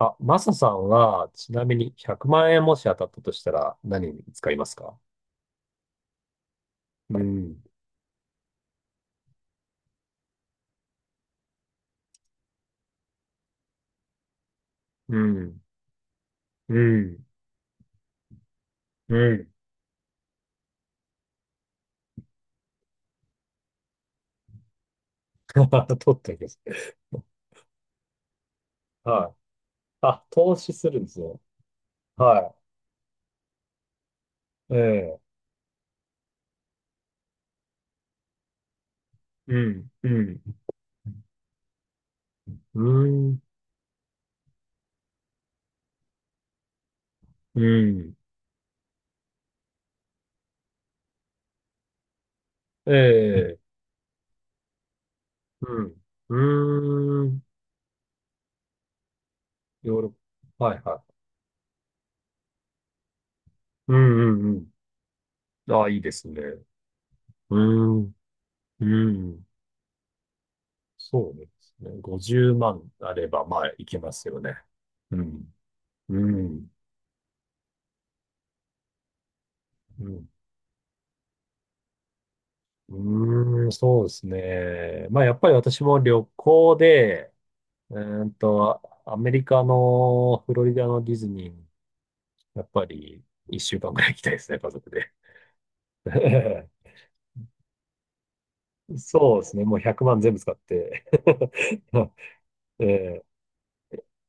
あ、マサさんは、ちなみに100万円もし当たったとしたら何に使いますか？うん、うん、うん、うん。取っておきます。はい。あ、投資するんですよ。はい。ええ、うん、うん、うん、うん、ええ、うん、うーん、ヨーロッパ。はい、はい。うん、うん、うん。あ、いいですね。うん、うん。そうですね。50万あれば、まあ、いけますよね。うん、うん。うん、うーん、そうですね。まあ、やっぱり私も旅行で、アメリカのフロリダのディズニーに、やっぱり一週間ぐらい行きたいですね、家族で。そうですね。もう100万全部使って。ええ、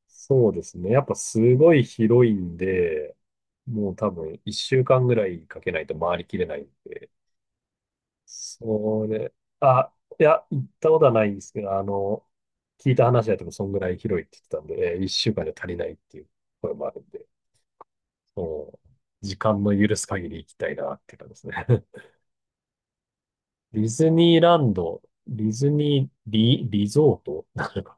そうですね。やっぱすごい広いんで、もう多分一週間ぐらいかけないと回りきれないんで。それ、あ、いや、行ったことはないんですけど、あの、聞いた話だとそんぐらい広いって言ってたんで、一週間じゃ足りないっていう声もあるんで、そう、時間の許す限り行きたいなって感じですね。ディズニーランド、ディズニーリ、リゾートなのか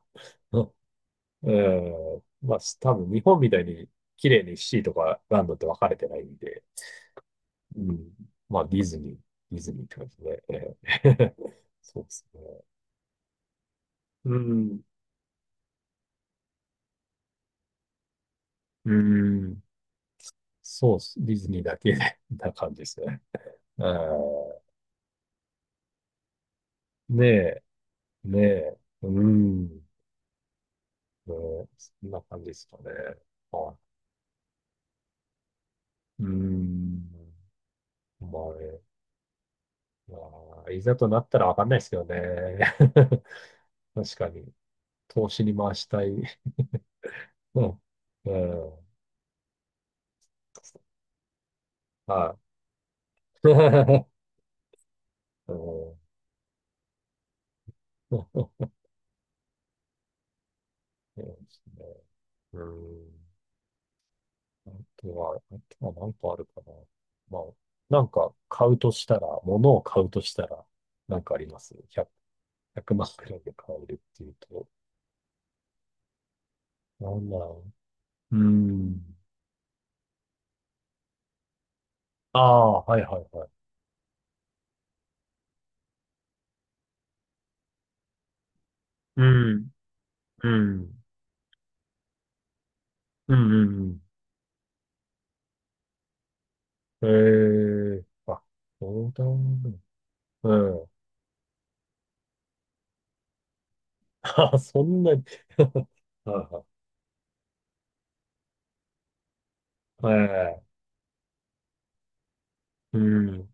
な。うん、まあ、多分日本みたいに綺麗にシーとかランドって分かれてないんで、うん、まあ、ディズニーって感じで、えー そうですね。うん。うーん。そうっす。ディズニーだけで な感じですね。うん。ねえ、ねえ。うーん。ねえ、そんな感じですかね。はい。うーん。まあね、まあ、いざとなったらわかんないですよね。確かに。投資に回したい。うん。うん。はい。うん。そうですね。うん。ああとは何個あるかな。まあ、なんか買うとしたら、物を買うとしたら、なんかあります？ 100、まんくらいで買えるっていうと、なんだろう。うん。ああ、はいはいはい。うん、うん、うん、うんうん。ええー、あ、そうだね。うん。あ、そんなに はいはい。ええ、うん、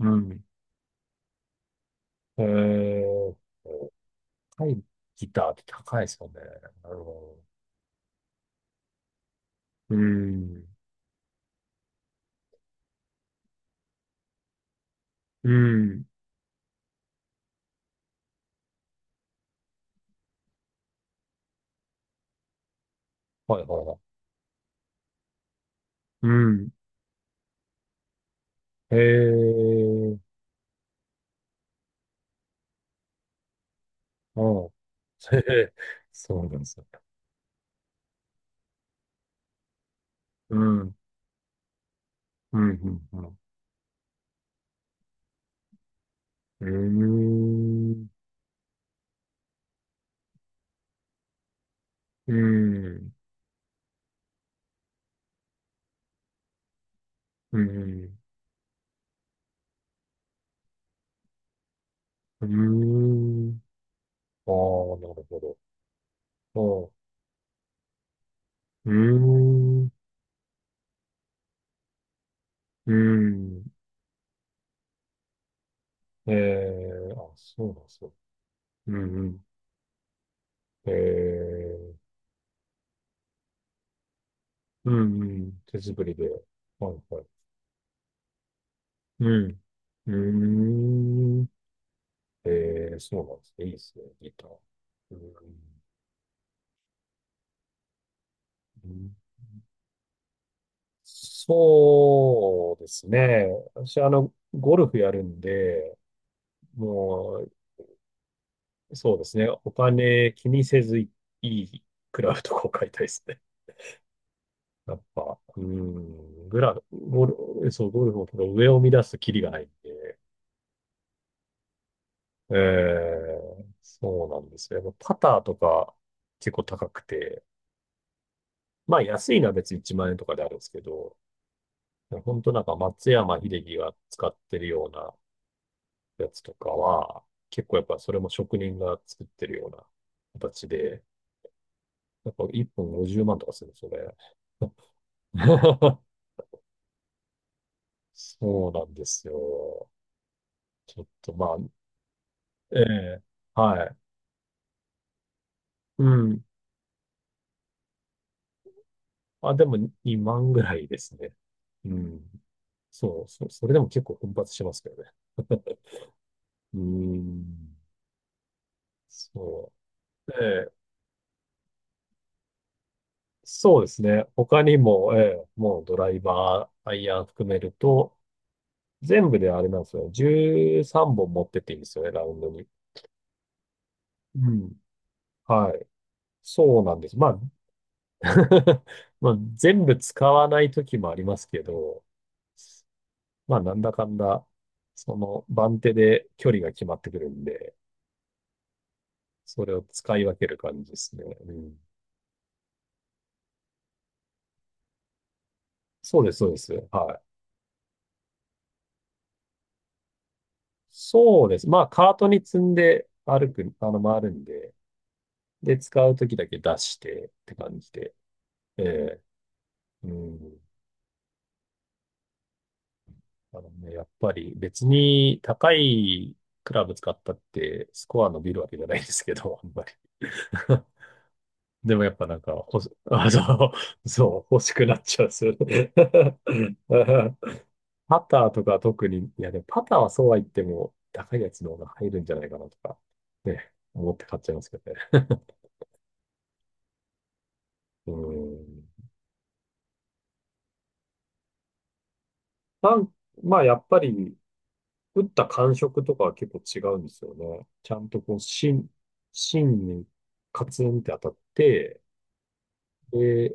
うん。ええ、高いギターって高いですよね。なるほど。うん。うん。はいはいはい。うん。へえ。ああ。へへ、そうなんですよ。うん。うん。うん。うん。うん。うん。うん。ああ、なるほど。ああ、うん。うん。ええ。あ、そうなんですよ。うん。うん。えー、うん。うん。手作りで。はいはい。うん。うーん。ええ、そうなんですね。いいですね、ギター。うん、そうですね。私、あの、ゴルフやるんで、もう、そうですね。お金気にせずいいクラブとかを買いたいですね。やっぱ、うん、グラ、ゴル、そう、ゴルフもけど上を乱すとキリがないんで、ええ、そうなんですよ。やっぱパターとか結構高くて、まあ安いのは別に1万円とかであるんですけど、本当なんか松山英樹が使ってるようなやつとかは、結構やっぱそれも職人が作ってるような形で、やっぱ1本50万とかするんれす そうなんですよ。ちょっとまあ、ええ、はい。うん。あ、でも2万ぐらいですね。うん。そう、それでも結構奮発しますけどね。うん。そう。ええ、そうですね。他にも、ええ、もうドライバー、アイアン含めると、全部であれなんですよ。13本持ってっていいんですよね、ラウンドに。うん。はい。そうなんです。まあ、まあ、全部使わない時もありますけど、まあ、なんだかんだ、その番手で距離が決まってくるんで、それを使い分ける感じですね。うん。そうです、そうです。はい。そうです。まあ、カートに積んで歩く、あの、回るんで、で、使うときだけ出してって感じで。ええ、うん。あのね、やっぱり別に高いクラブ使ったってスコア伸びるわけじゃないですけど、あんまり。でもやっぱなんか、ほし、あ、そう、そう、欲しくなっちゃうんですよね。パターとか特に、いやでもパターはそうは言っても高いやつの方が入るんじゃないかなとか、ね、思って買っちゃいますけどね。うん。なん、まあやっぱり、打った感触とかは結構違うんですよね。ちゃんとこう、芯にカツンって当たって、で、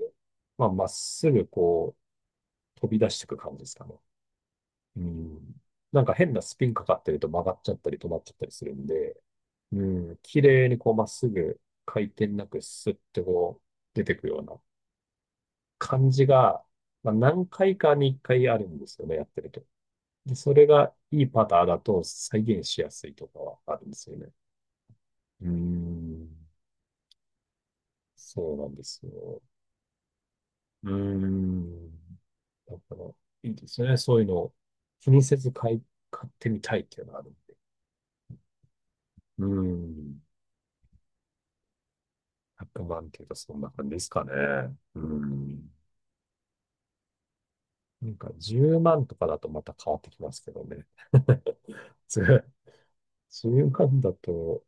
まあ、まっすぐこう、飛び出していく感じですかね。うん。なんか変なスピンかかってると曲がっちゃったり止まっちゃったりするんで、うん。綺麗にこう、まっすぐ回転なくスッてこう、出てくような感じが、まあ、何回かに1回あるんですよね、やってると。で、それがいいパターだと再現しやすいとかはあるんですよね。うーん、そうなんですよ。うーん、だからいいですね。そういうのを気にせず買ってみたいっていうのがあるんで。うーん、100万っていうとそんな感じですかね。うーん、なんか10万とかだとまた変わってきますけどね。それ、10万だと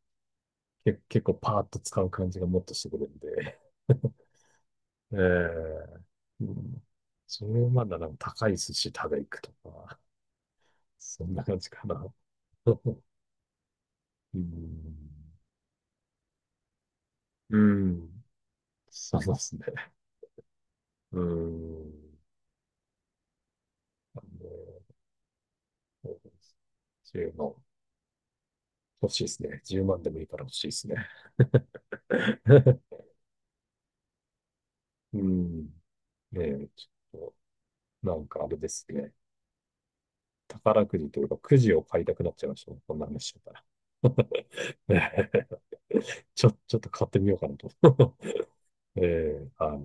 結構パーッと使う感じがもっとしてくるんで。ええ、うん、10万だなら高い寿司食べ行くとか、そんな感じかな。そう、うん。うん。そうですね。うん。あの、10万。欲しいですね。10万でもいいから欲しいですね。うん。ねえ、ちょっと、なんかあれですね。宝くじというか、くじを買いたくなっちゃいましたねこんな話してたら。ねえ、ちょっと買ってみようかなと。ええ、はい。